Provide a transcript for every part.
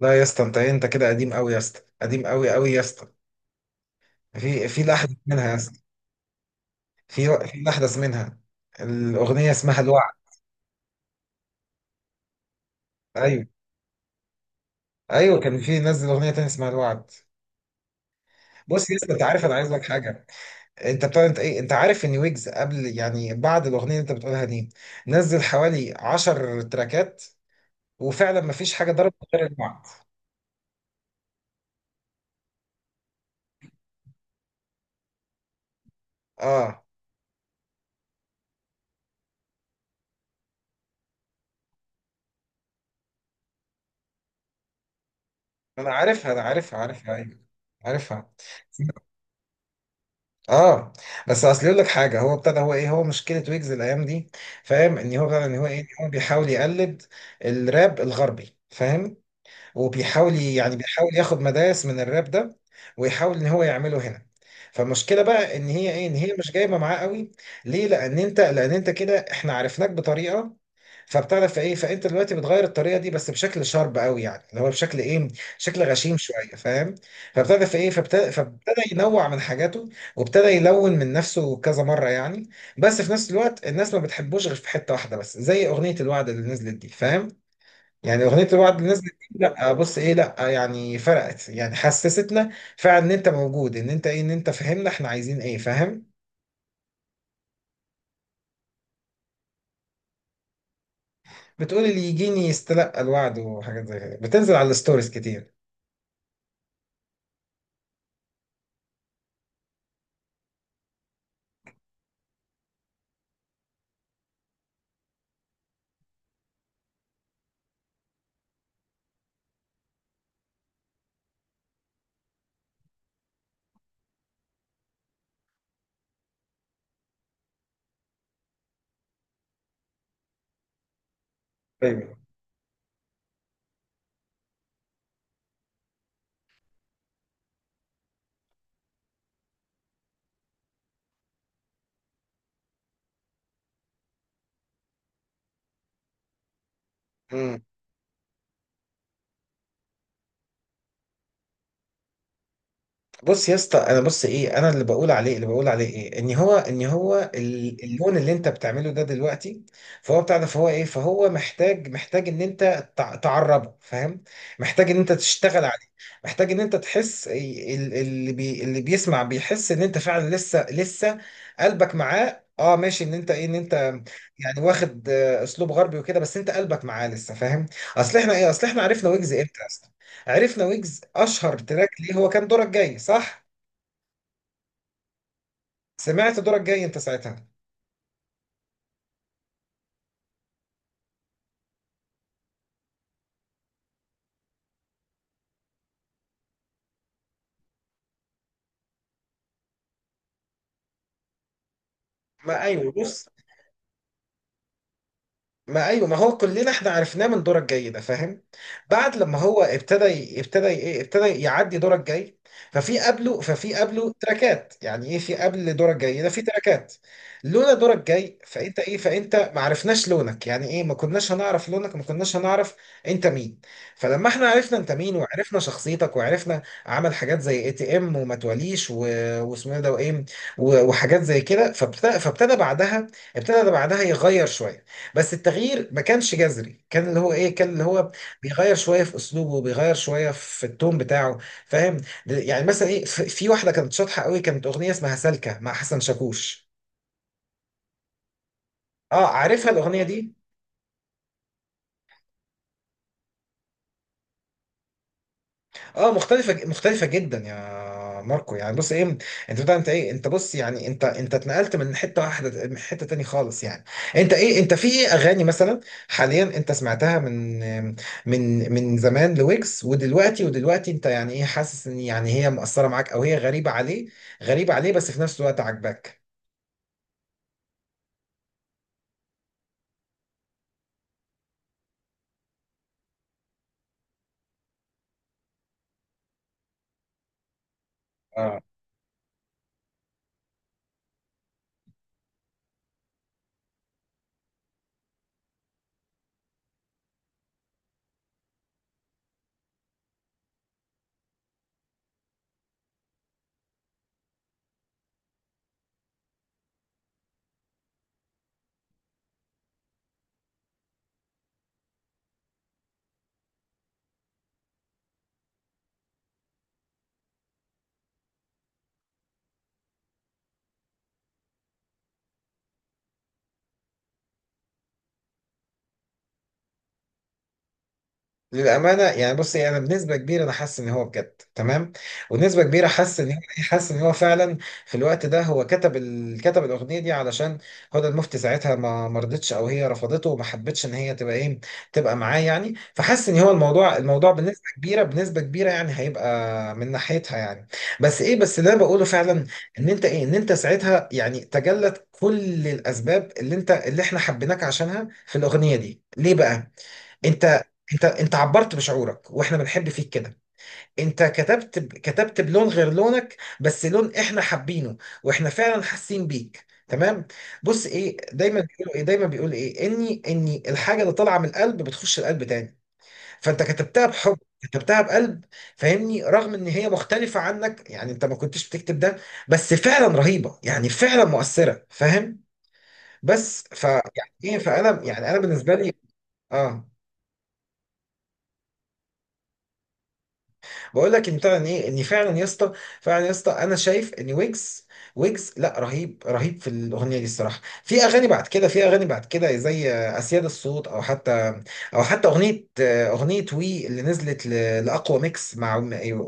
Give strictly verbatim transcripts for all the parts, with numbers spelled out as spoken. لا يا اسطى انت ايه، انت كده قديم قوي يا اسطى قديم قوي قوي يا اسطى. في في الاحدث منها يا اسطى. في في الاحدث منها. الاغنيه اسمها الوعد. ايوه ايوه، كان في نزل اغنيه تانية اسمها الوعد. بص يا اسطى، انت عارف انا عايز لك حاجه. انت بتاع انت ايه انت عارف ان ويجز قبل يعني بعد الاغنيه اللي انت بتقولها دي نزل حوالي عشر تراكات، وفعلا ما فيش حاجه ضربت غير الوعد. اه انا عارفها، انا عارفها عارفها، ايوه عارفها اه. بس اصل يقول لك حاجه، هو ابتدى هو ايه هو مشكله ويجز الايام دي فاهم، ان هو فعلا ان هو ايه إن هو بيحاول يقلد الراب الغربي فاهم. وبيحاول ي- يعني بيحاول ياخد مدارس من الراب ده، ويحاول ان هو يعمله هنا. فالمشكله بقى ان هي ايه ان هي مش جايبه معاه قوي. ليه؟ لان انت لان انت كده احنا عرفناك بطريقه، فبتعرف ايه، فانت دلوقتي بتغير الطريقه دي بس بشكل شارب قوي يعني، اللي هو بشكل ايه، شكل غشيم شويه فاهم. فبتعرف ايه، فابتدى فابتدى ينوع من حاجاته، وابتدى يلون من نفسه كذا مره يعني. بس في نفس الوقت الناس ما بتحبوش غير في حته واحده بس، زي اغنيه الوعد اللي نزلت دي فاهم. يعني اغنيه الوعد اللي نزلت دي، لا بص ايه، لا يعني فرقت، يعني حسستنا فعلا ان انت موجود، ان انت ايه ان انت فاهمنا احنا عايزين ايه فاهم. بتقول اللي يجيني يستلقى الوعد، وحاجات زي كده بتنزل على الستوريز كتير. ايوه. بص يا اسطى انا، بص ايه، انا اللي بقول عليه اللي بقول عليه ايه، ان هو ان هو ال- اللون اللي انت بتعمله ده دلوقتي، فهو بتاع ده، فهو ايه فهو محتاج، محتاج ان انت تع- تعربه فاهم. محتاج ان انت تشتغل عليه. محتاج ان انت تحس ي- ال- اللي بي اللي بيسمع بيحس ان انت فعلا لسه لسه قلبك معاه، اه ماشي، ان انت ايه ان انت يعني واخد آه، اسلوب غربي وكده، بس انت قلبك معاه لسه فاهم. اصل احنا ايه، اصل احنا عرفنا ويجز امتى؟ عرفنا ويجز اشهر تراك ليه هو كان دورك جاي صح، سمعت دورك جاي انت ساعتها. ما ايوه بص، ما ايوه، ما هو كلنا احنا عرفناه من دورة الجاي ده فاهم. بعد لما هو ابتدى ي- ابتدى ي- ايه ابتدى يعدي دورة الجاي، ففي قبله ففي قبله تراكات، يعني ايه، في قبل دورة الجاي ده في تراكات. لولا دورة الجاي فانت ايه فانت ما عرفناش لونك، يعني ايه، ما كناش هنعرف لونك، ما كناش هنعرف انت مين. فلما احنا عرفنا انت مين، وعرفنا شخصيتك، وعرفنا عمل حاجات زي اي تي ام، وما تواليش، و- واسمه إيه ده، وايه، و- وحاجات زي كده، فابتدى فابتدى بعدها، ابتدى بعدها يغير شوية، بس التغيير ما كانش جذري، كان اللي هو ايه كان اللي هو بيغير شويه في اسلوبه، بيغير شويه في التون بتاعه فاهم. يعني مثلا ايه، في في واحده كانت شاطحه قوي، كانت اغنيه اسمها سالكه مع حسن شاكوش. اه عارفها الاغنيه دي. اه مختلفة ج- مختلفة جدا يا ماركو، يعني بص ايه، انت بتاع انت ايه انت بص يعني انت انت اتنقلت من حتة واحدة من حتة تاني خالص يعني. انت ايه انت في ايه اغاني مثلا حاليا انت سمعتها من من من زمان لويجز، ودلوقتي، ودلوقتي انت يعني ايه، حاسس ان يعني هي مؤثرة معاك او هي غريبة عليه، غريبة عليه بس في نفس الوقت عاجباك؟ للأمانة يعني بصي، أنا بنسبة كبيرة أنا حاسس إن هو بجد تمام، ونسبة كبيرة حاسس إن هو، حاسس إن هو فعلا في الوقت ده هو كتب ال... كتب الأغنية دي علشان هدى المفتي، ساعتها ما ما رضتش، أو هي رفضته وما حبتش إن هي تبقى إيه، تبقى معاه يعني. فحاسس إن هو الموضوع، الموضوع بنسبة كبيرة، بنسبة كبيرة يعني هيبقى من ناحيتها يعني. بس إيه، بس اللي أنا بقوله فعلا إن أنت إيه إن أنت ساعتها يعني تجلت كل الأسباب اللي أنت اللي إحنا حبيناك عشانها في الأغنية دي ليه بقى؟ انت، انت انت عبرت بشعورك واحنا بنحب فيك كده. انت كتبت ب- كتبت بلون غير لونك، بس لون احنا حابينه، واحنا فعلا حاسين بيك تمام. بص ايه، دايما بيقولوا ايه دايما بيقول ايه، اني اني الحاجه اللي طالعه من القلب بتخش القلب تاني. فانت كتبتها بحب، كتبتها بقلب فاهمني، رغم ان هي مختلفه عنك، يعني انت ما كنتش بتكتب ده، بس فعلا رهيبه، يعني فعلا مؤثره فاهم. بس ف يعني ايه، فانا يعني انا بالنسبه لي، اه، بقول لك ان فعلا ايه ان فعلا يا اسطى، فعلا يا اسطى انا شايف ان ويجز، ويجز لا رهيب رهيب في الاغنيه دي الصراحه. في اغاني بعد كده، في اغاني بعد كده زي اسياد الصوت، او حتى، او حتى اغنيه، اغنيه وي اللي نزلت، ل- لاقوى ميكس مع،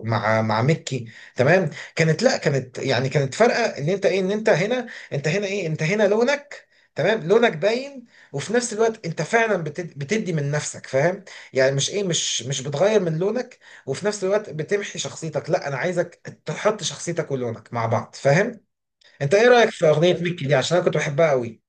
مع مع ميكي تمام. كانت لا، كانت يعني كانت فارقه ان انت ايه ان انت هنا، انت هنا ايه انت هنا لونك، تمام لونك باين. وفي نفس الوقت انت فعلا بتد- بتدي من نفسك فاهم. يعني مش ايه مش مش بتغير من لونك وفي نفس الوقت بتمحي شخصيتك. لا انا عايزك تحط شخصيتك ولونك مع بعض فاهم. انت ايه رايك في اغنيه ميكي دي؟ عشان انا كنت بحبها قوي.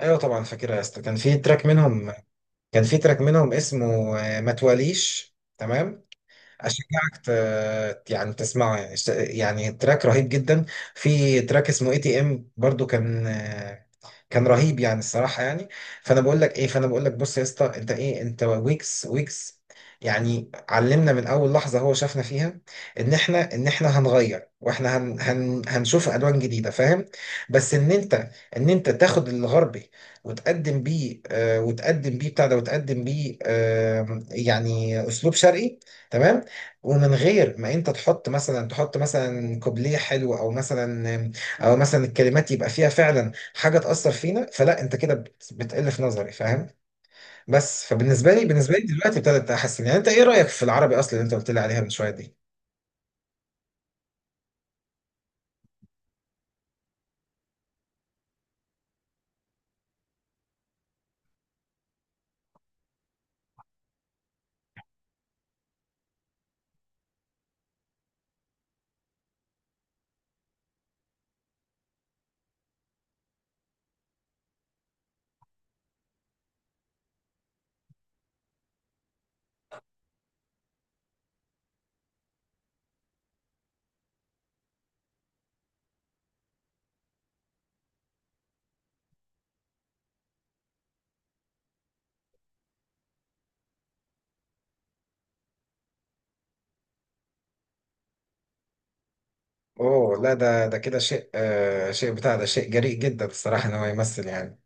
ايوه طبعا فاكرها يا اسطى. كان في تراك منهم، كان في تراك منهم اسمه آه، ما تواليش، تمام. اشجعك ت- يعني تسمعه يعني، يعني تراك رهيب جدا. في تراك اسمه اي تي ام برضو كان آه، كان رهيب يعني الصراحه يعني. فانا بقول لك ايه، فانا بقول لك بص يا اسطى، انت ايه، انت ويجز، ويجز يعني علمنا من اول لحظه هو شافنا فيها ان احنا، ان احنا هنغير، واحنا هن هن هنشوف الوان جديده فاهم. بس ان انت، ان انت تاخد الغربي وتقدم بيه، آه وتقدم بيه بتاع ده وتقدم بيه آه يعني اسلوب شرقي، تمام. ومن غير ما انت تحط مثلا، تحط مثلا كوبليه حلو، او مثلا، او مثلا الكلمات يبقى فيها فعلا حاجه تاثر فينا، فلا انت كده بت- بتقل في نظري فاهم. بس فبالنسبه لي، بالنسبه لي دلوقتي ابتدت احسن. يعني انت ايه رايك في العربي اصلا اللي انت قلت لي عليها من شويه دي؟ اوه لا، ده ده كده شيء، آه شيء بتاع ده شيء جريء جدا الصراحه ان هو يمثل يعني.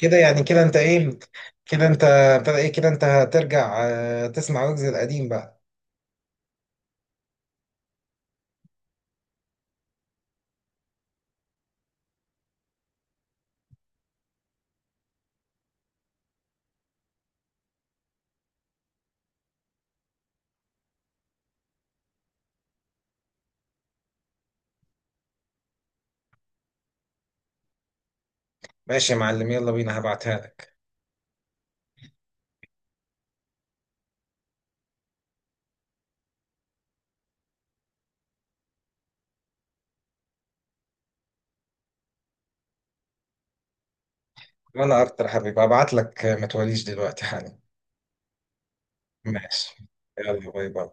كده يعني، كده انت ايه كده انت ابتدى ايه، كده انت هترجع آه تسمع ويجز القديم بقى. ماشي يا معلم، يلا بينا هبعتها لك. وانا اكتر يا حبيبي، هبعت لك آه، ما توليش دلوقتي حالا. ماشي يلا باي باي.